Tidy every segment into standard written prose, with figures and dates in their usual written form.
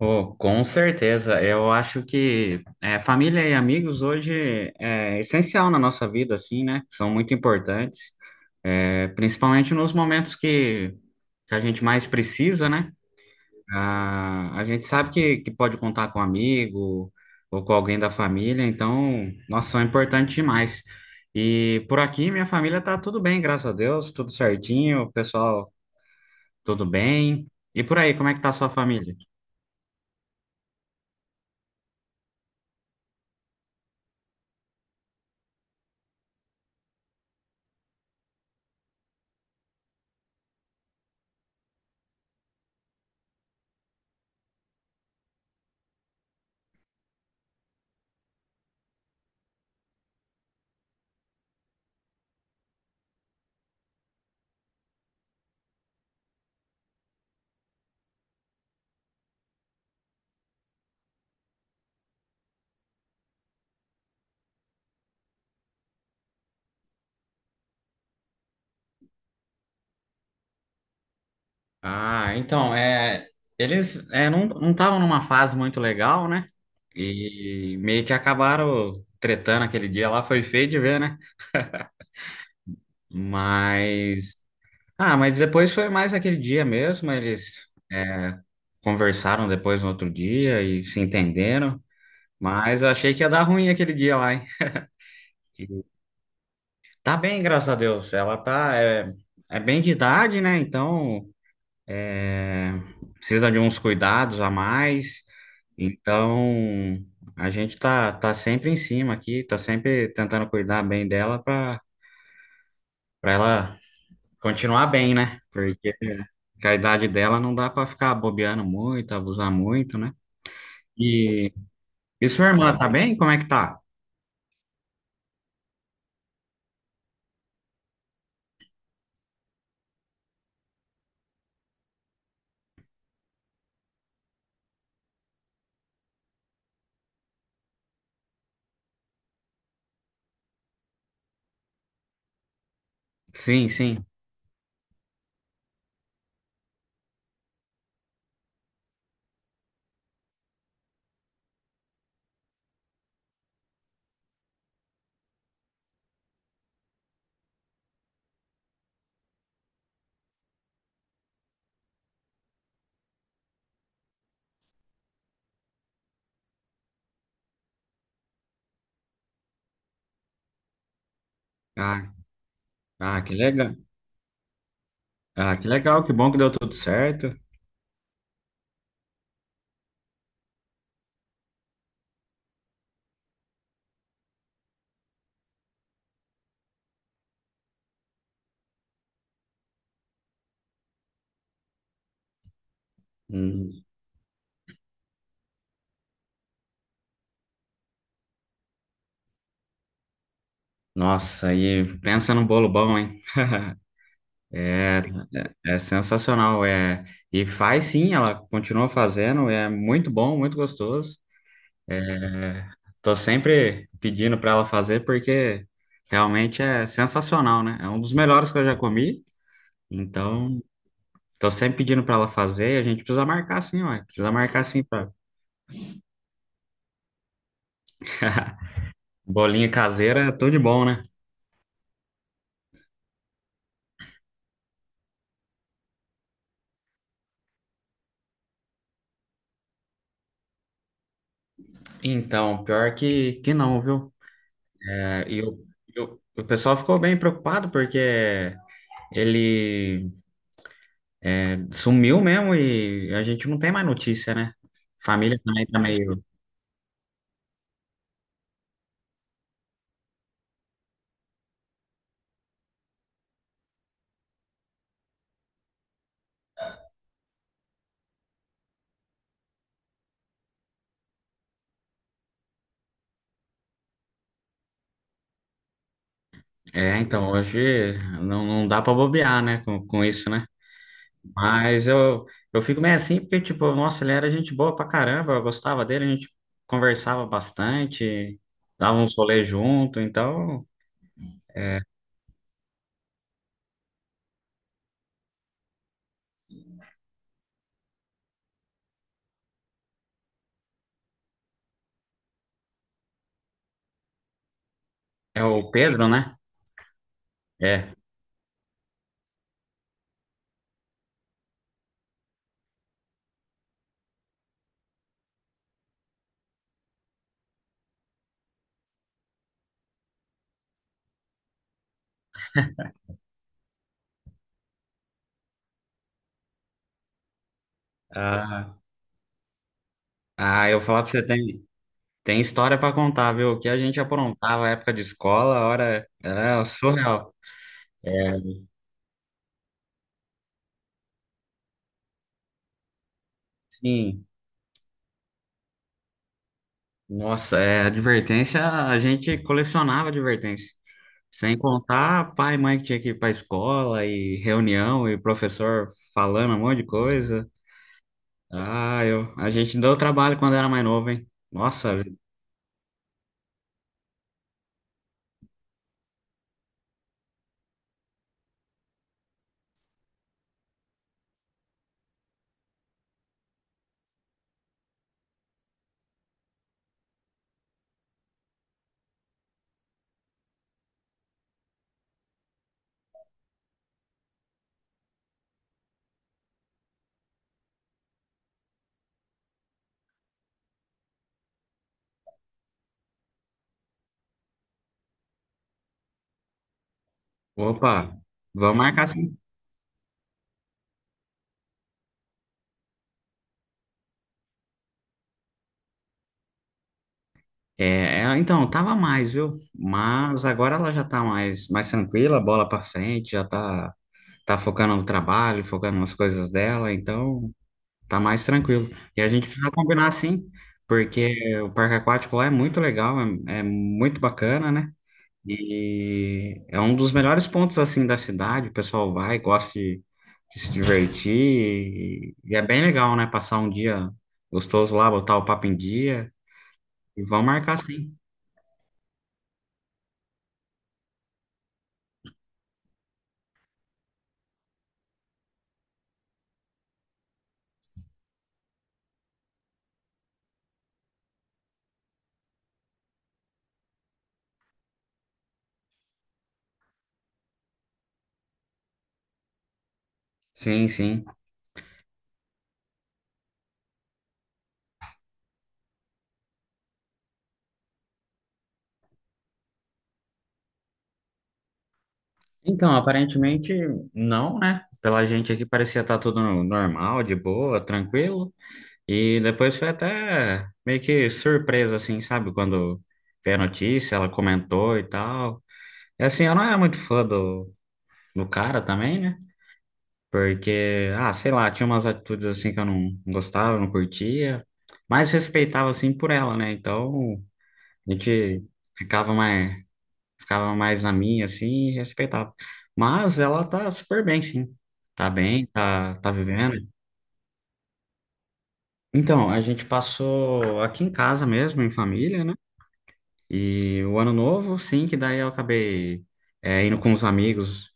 Oh, com certeza. Eu acho que é, família e amigos hoje é essencial na nossa vida, assim, né? São muito importantes, é, principalmente nos momentos que a gente mais precisa, né? A gente sabe que pode contar com um amigo ou com alguém da família, então, nossa, são importantes demais. E por aqui, minha família tá tudo bem, graças a Deus, tudo certinho, o pessoal tudo bem. E por aí, como é que tá a sua família? Ah, então, é, eles é, não estavam numa fase muito legal, né? E meio que acabaram tretando aquele dia lá, foi feio de ver, né? Mas. Ah, mas depois foi mais aquele dia mesmo, eles conversaram depois no outro dia e se entenderam. Mas eu achei que ia dar ruim aquele dia lá, hein? E tá bem, graças a Deus. Ela tá. É, é bem de idade, né? Então. É, precisa de uns cuidados a mais. Então, a gente tá sempre em cima aqui, tá sempre tentando cuidar bem dela para ela continuar bem, né? Porque com a idade dela não dá para ficar bobeando muito, abusar muito, né? E, e sua irmã tá bem? Como é que tá? Sim, sim. Ah, ah, que legal. Ah, que legal, que bom que deu tudo certo. Hum, Nossa, e pensa num bolo bom, hein? É, é sensacional, é. E faz sim, ela continua fazendo, é muito bom, muito gostoso. Tô sempre pedindo para ela fazer porque realmente é sensacional, né? É um dos melhores que eu já comi. Então, tô sempre pedindo para ela fazer, e a gente precisa marcar sim, ó. Precisa marcar sim pra... Bolinha caseira, é tudo de bom, né? Então, pior que não, viu? É, e o pessoal ficou bem preocupado porque ele sumiu mesmo e a gente não tem mais notícia, né? Família também tá meio. É, então, hoje não, não dá pra bobear, né, com isso, né? Mas eu fico meio assim, porque, tipo, nossa, ele era gente boa pra caramba, eu gostava dele, a gente conversava bastante, dava uns rolês junto, então. É, é o Pedro, né? É. Ah, ah, eu vou falar pra você, tem, tem história pra contar, viu? O que a gente aprontava na época de escola, a hora era surreal. É, sim. Nossa, é, advertência, a gente colecionava advertência. Sem contar pai e mãe que tinha que ir para escola e reunião e professor falando um monte de coisa. Ah, eu, a gente deu trabalho quando era mais novo, hein? Nossa, opa, vamos marcar sim. É, é, então, tava mais, viu? Mas agora ela já tá mais, mais tranquila, bola pra frente, já tá, tá focando no trabalho, focando nas coisas dela, então tá mais tranquilo. E a gente precisa combinar sim, porque o parque aquático lá é muito legal, é, é muito bacana, né? E é um dos melhores pontos assim da cidade. O pessoal vai, gosta de se divertir e é bem legal, né? Passar um dia gostoso lá, botar o papo em dia e vão marcar sim. Sim, sim. Então, aparentemente não, né? Pela gente aqui parecia estar tudo normal, de boa, tranquilo. E depois foi até meio que surpresa, assim, sabe? Quando veio a notícia, ela comentou e tal. E assim, eu não era muito fã do cara também, né? Porque, ah, sei lá, tinha umas atitudes assim que eu não gostava, não curtia. Mas respeitava, assim, por ela, né? Então, a gente ficava mais, ficava mais na minha, assim, e respeitava. Mas ela tá super bem, sim. Tá bem, tá, tá vivendo. Então, a gente passou aqui em casa mesmo, em família, né? E o ano novo, sim, que daí eu acabei é, indo com os amigos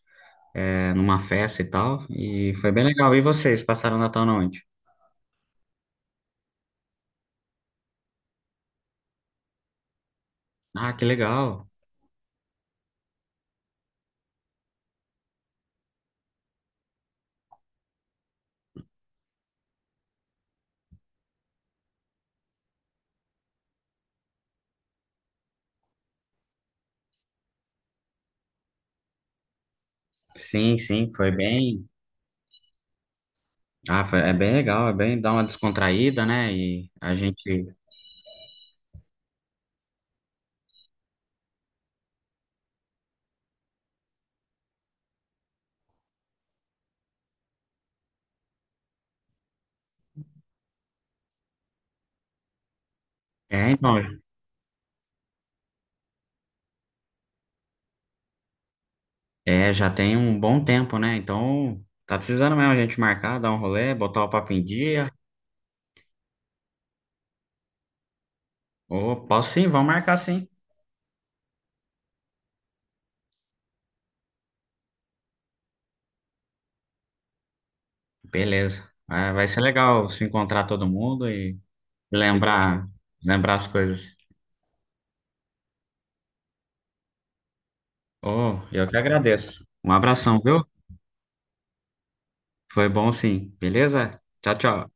é, numa festa e tal. E foi bem legal. E vocês passaram o Natal na onde? Ah, que legal. Sim, sim, foi bem. Ah, foi- é bem legal, é bem dar uma descontraída, né? E a gente. É, então, é, já tem um bom tempo, né? Então, tá precisando mesmo a gente marcar, dar um rolê, botar o papo em dia. Ô, posso sim, vamos marcar sim. Beleza. Ah, vai ser legal se encontrar todo mundo e lembrar, lembrar as coisas. Oh, eu que agradeço. Um abração, viu? Foi bom sim. Beleza? Tchau, tchau.